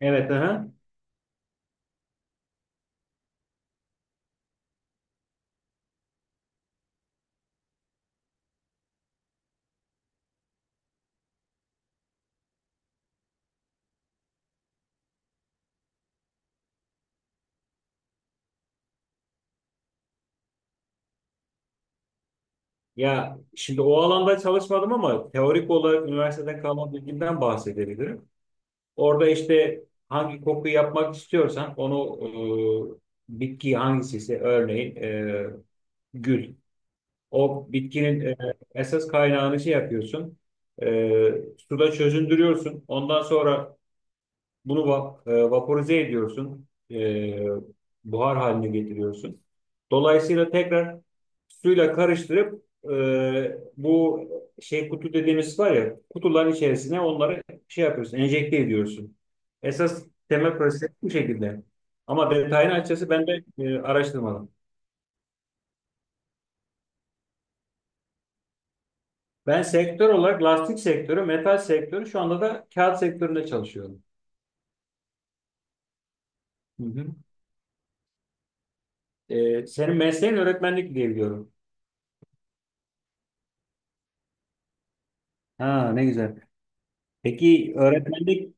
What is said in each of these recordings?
Evet, aha. Ya şimdi o alanda çalışmadım ama teorik olarak üniversiteden kalan bilgimden bahsedebilirim. Orada işte hangi koku yapmak istiyorsan onu bitki hangisiyse örneğin gül. O bitkinin esas kaynağını şey yapıyorsun. E, Suda çözündürüyorsun. Ondan sonra bunu vaporize ediyorsun, buhar haline getiriyorsun. Dolayısıyla tekrar suyla karıştırıp bu şey kutu dediğimiz var ya kutuların içerisine onları şey yapıyorsun, enjekte ediyorsun. Esas temel proses bu şekilde. Ama detayını açıkçası ben de araştırmadım. Ben sektör olarak lastik sektörü, metal sektörü şu anda da kağıt sektöründe çalışıyorum. Hı hı. Senin mesleğin öğretmenlik diye biliyorum. Ha, ne güzel. Peki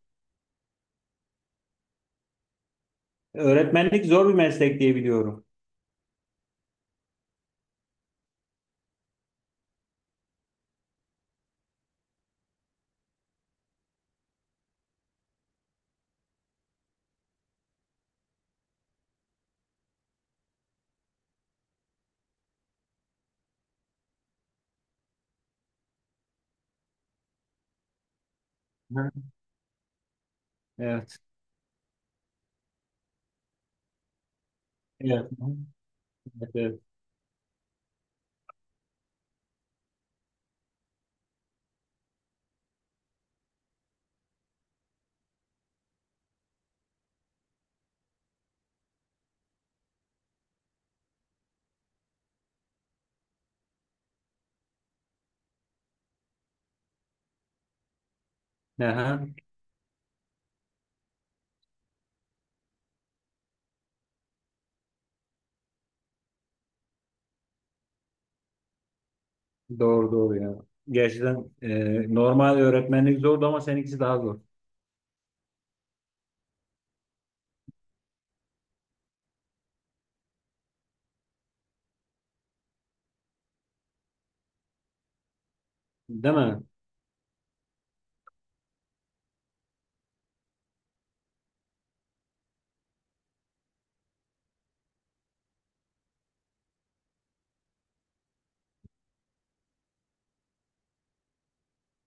öğretmenlik zor bir meslek diye biliyorum. Hı. Evet. Evet. Evet, evet. Aha. Doğru doğru ya. Gerçekten normal öğretmenlik zordu ama seninkisi daha zor. Değil mi?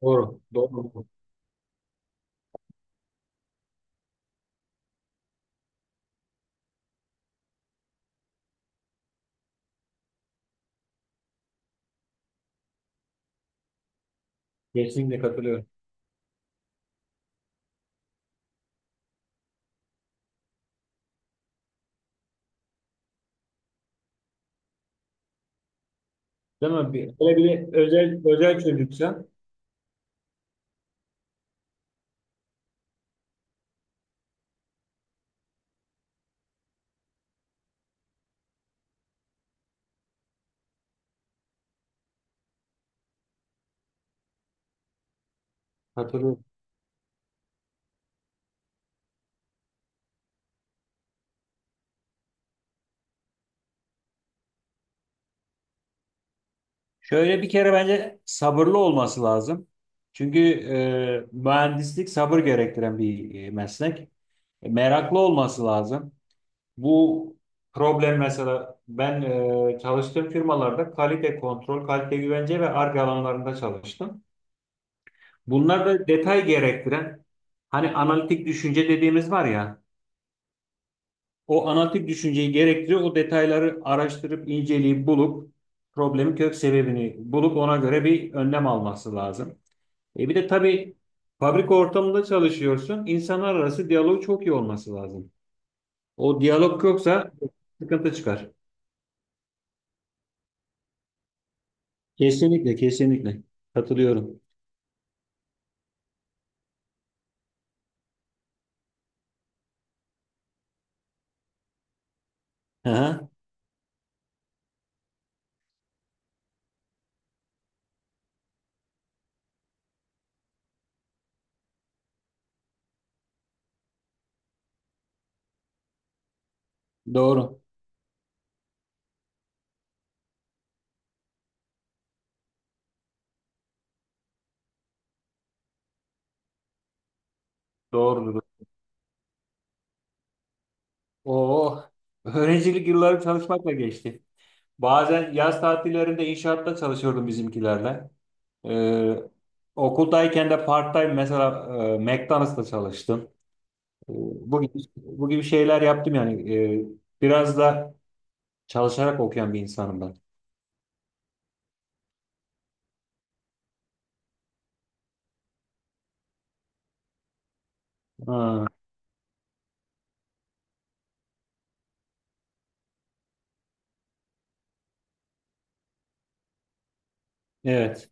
Doğru. Doğru. Kesinlikle katılıyorum. Değil mi? Bir, öyle bir de özel özel çocuksa katılıyorum. Şöyle bir kere bence sabırlı olması lazım. Çünkü mühendislik sabır gerektiren bir meslek. Meraklı olması lazım. Bu problem mesela ben çalıştığım firmalarda kalite kontrol, kalite güvence ve Ar-Ge alanlarında çalıştım. Bunlar da detay gerektiren hani analitik düşünce dediğimiz var ya o analitik düşünceyi gerektiriyor. O detayları araştırıp inceleyip bulup problemin kök sebebini bulup ona göre bir önlem alması lazım. E bir de tabii fabrika ortamında çalışıyorsun. İnsanlar arası diyaloğu çok iyi olması lazım. O diyalog yoksa sıkıntı çıkar. Kesinlikle, kesinlikle. Katılıyorum. Aha, doğru. Doğrudur. Oo, öğrencilik yılları çalışmakla geçti. Bazen yaz tatillerinde inşaatta çalışıyordum bizimkilerle. Ee, Okuldayken de part-time mesela McDonald's'ta çalıştım. Ee, Bu gibi, bu gibi şeyler yaptım yani. Biraz da çalışarak okuyan bir insanım ben. Ha, evet,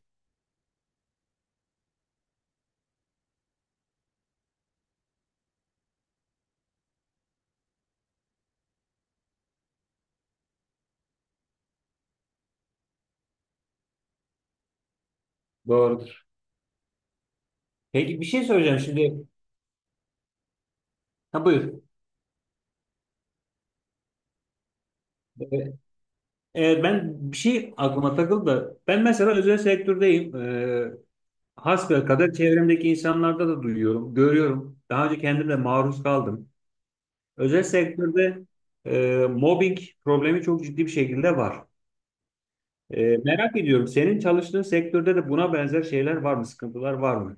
doğrudur. Peki bir şey söyleyeceğim şimdi. Ha, buyur. Ee, Evet, ben bir şey aklıma takıldı da. Ben mesela özel sektördeyim. Hasbelkader çevremdeki insanlarda da duyuyorum, görüyorum. Daha önce kendim de maruz kaldım. Özel sektörde mobbing problemi çok ciddi bir şekilde var. Merak ediyorum senin çalıştığın sektörde de buna benzer şeyler var mı? Sıkıntılar var mı?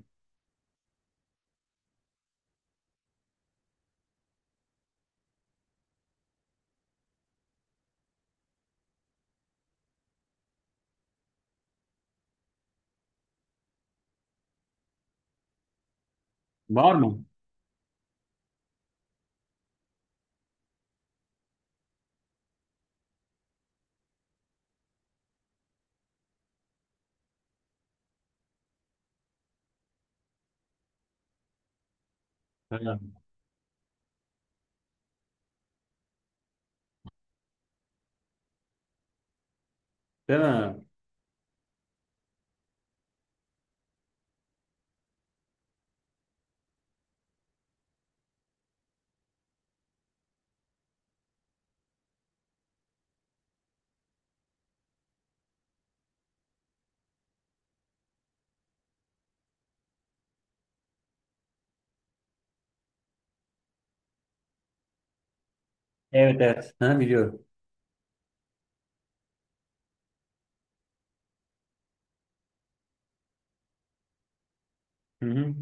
Var mı? Ha. Değil mi? Evet, evet. Ha, biliyorum. Hı hı.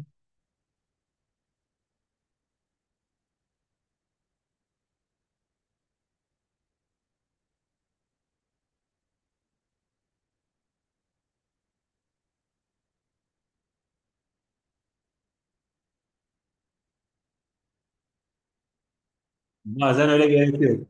Bazen öyle gerekiyor.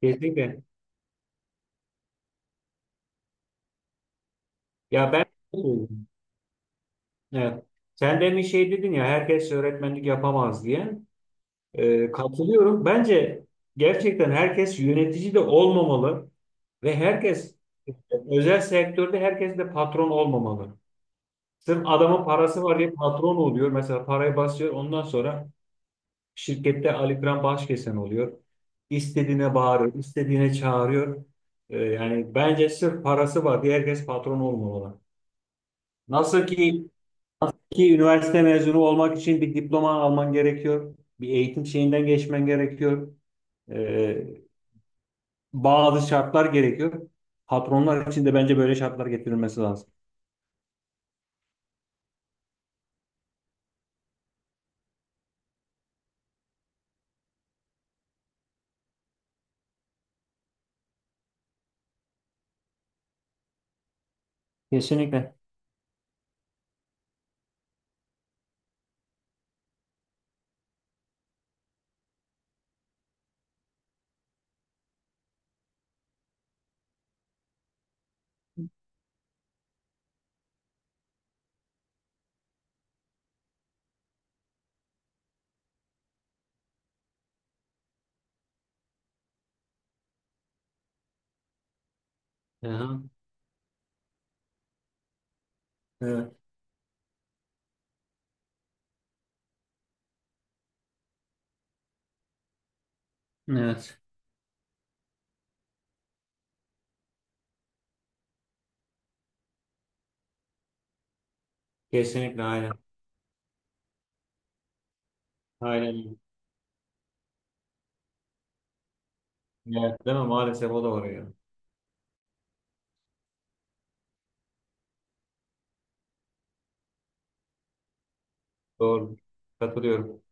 Kesinlikle. Ya, ben evet. Sen demin şey dedin ya herkes öğretmenlik yapamaz diye. Katılıyorum. Bence gerçekten herkes yönetici de olmamalı ve herkes özel sektörde herkes de patron olmamalı. Sırf adamın parası var diye patron oluyor. Mesela parayı basıyor. Ondan sonra şirkette Ali Kıran Başkesen oluyor. İstediğine bağırıyor, istediğine çağırıyor. Yani bence sırf parası var diye herkes patron olmamalı. Nasıl ki ki üniversite mezunu olmak için bir diploma alman gerekiyor. Bir eğitim şeyinden geçmen gerekiyor. Ee, Bazı şartlar gerekiyor. Patronlar için de bence böyle şartlar getirilmesi lazım. Kesinlikle. Aha, evet. Evet. Kesinlikle aynen. Aynen. Evet, değil mi? Maalesef o da var ya. Doğru. Katılıyorum.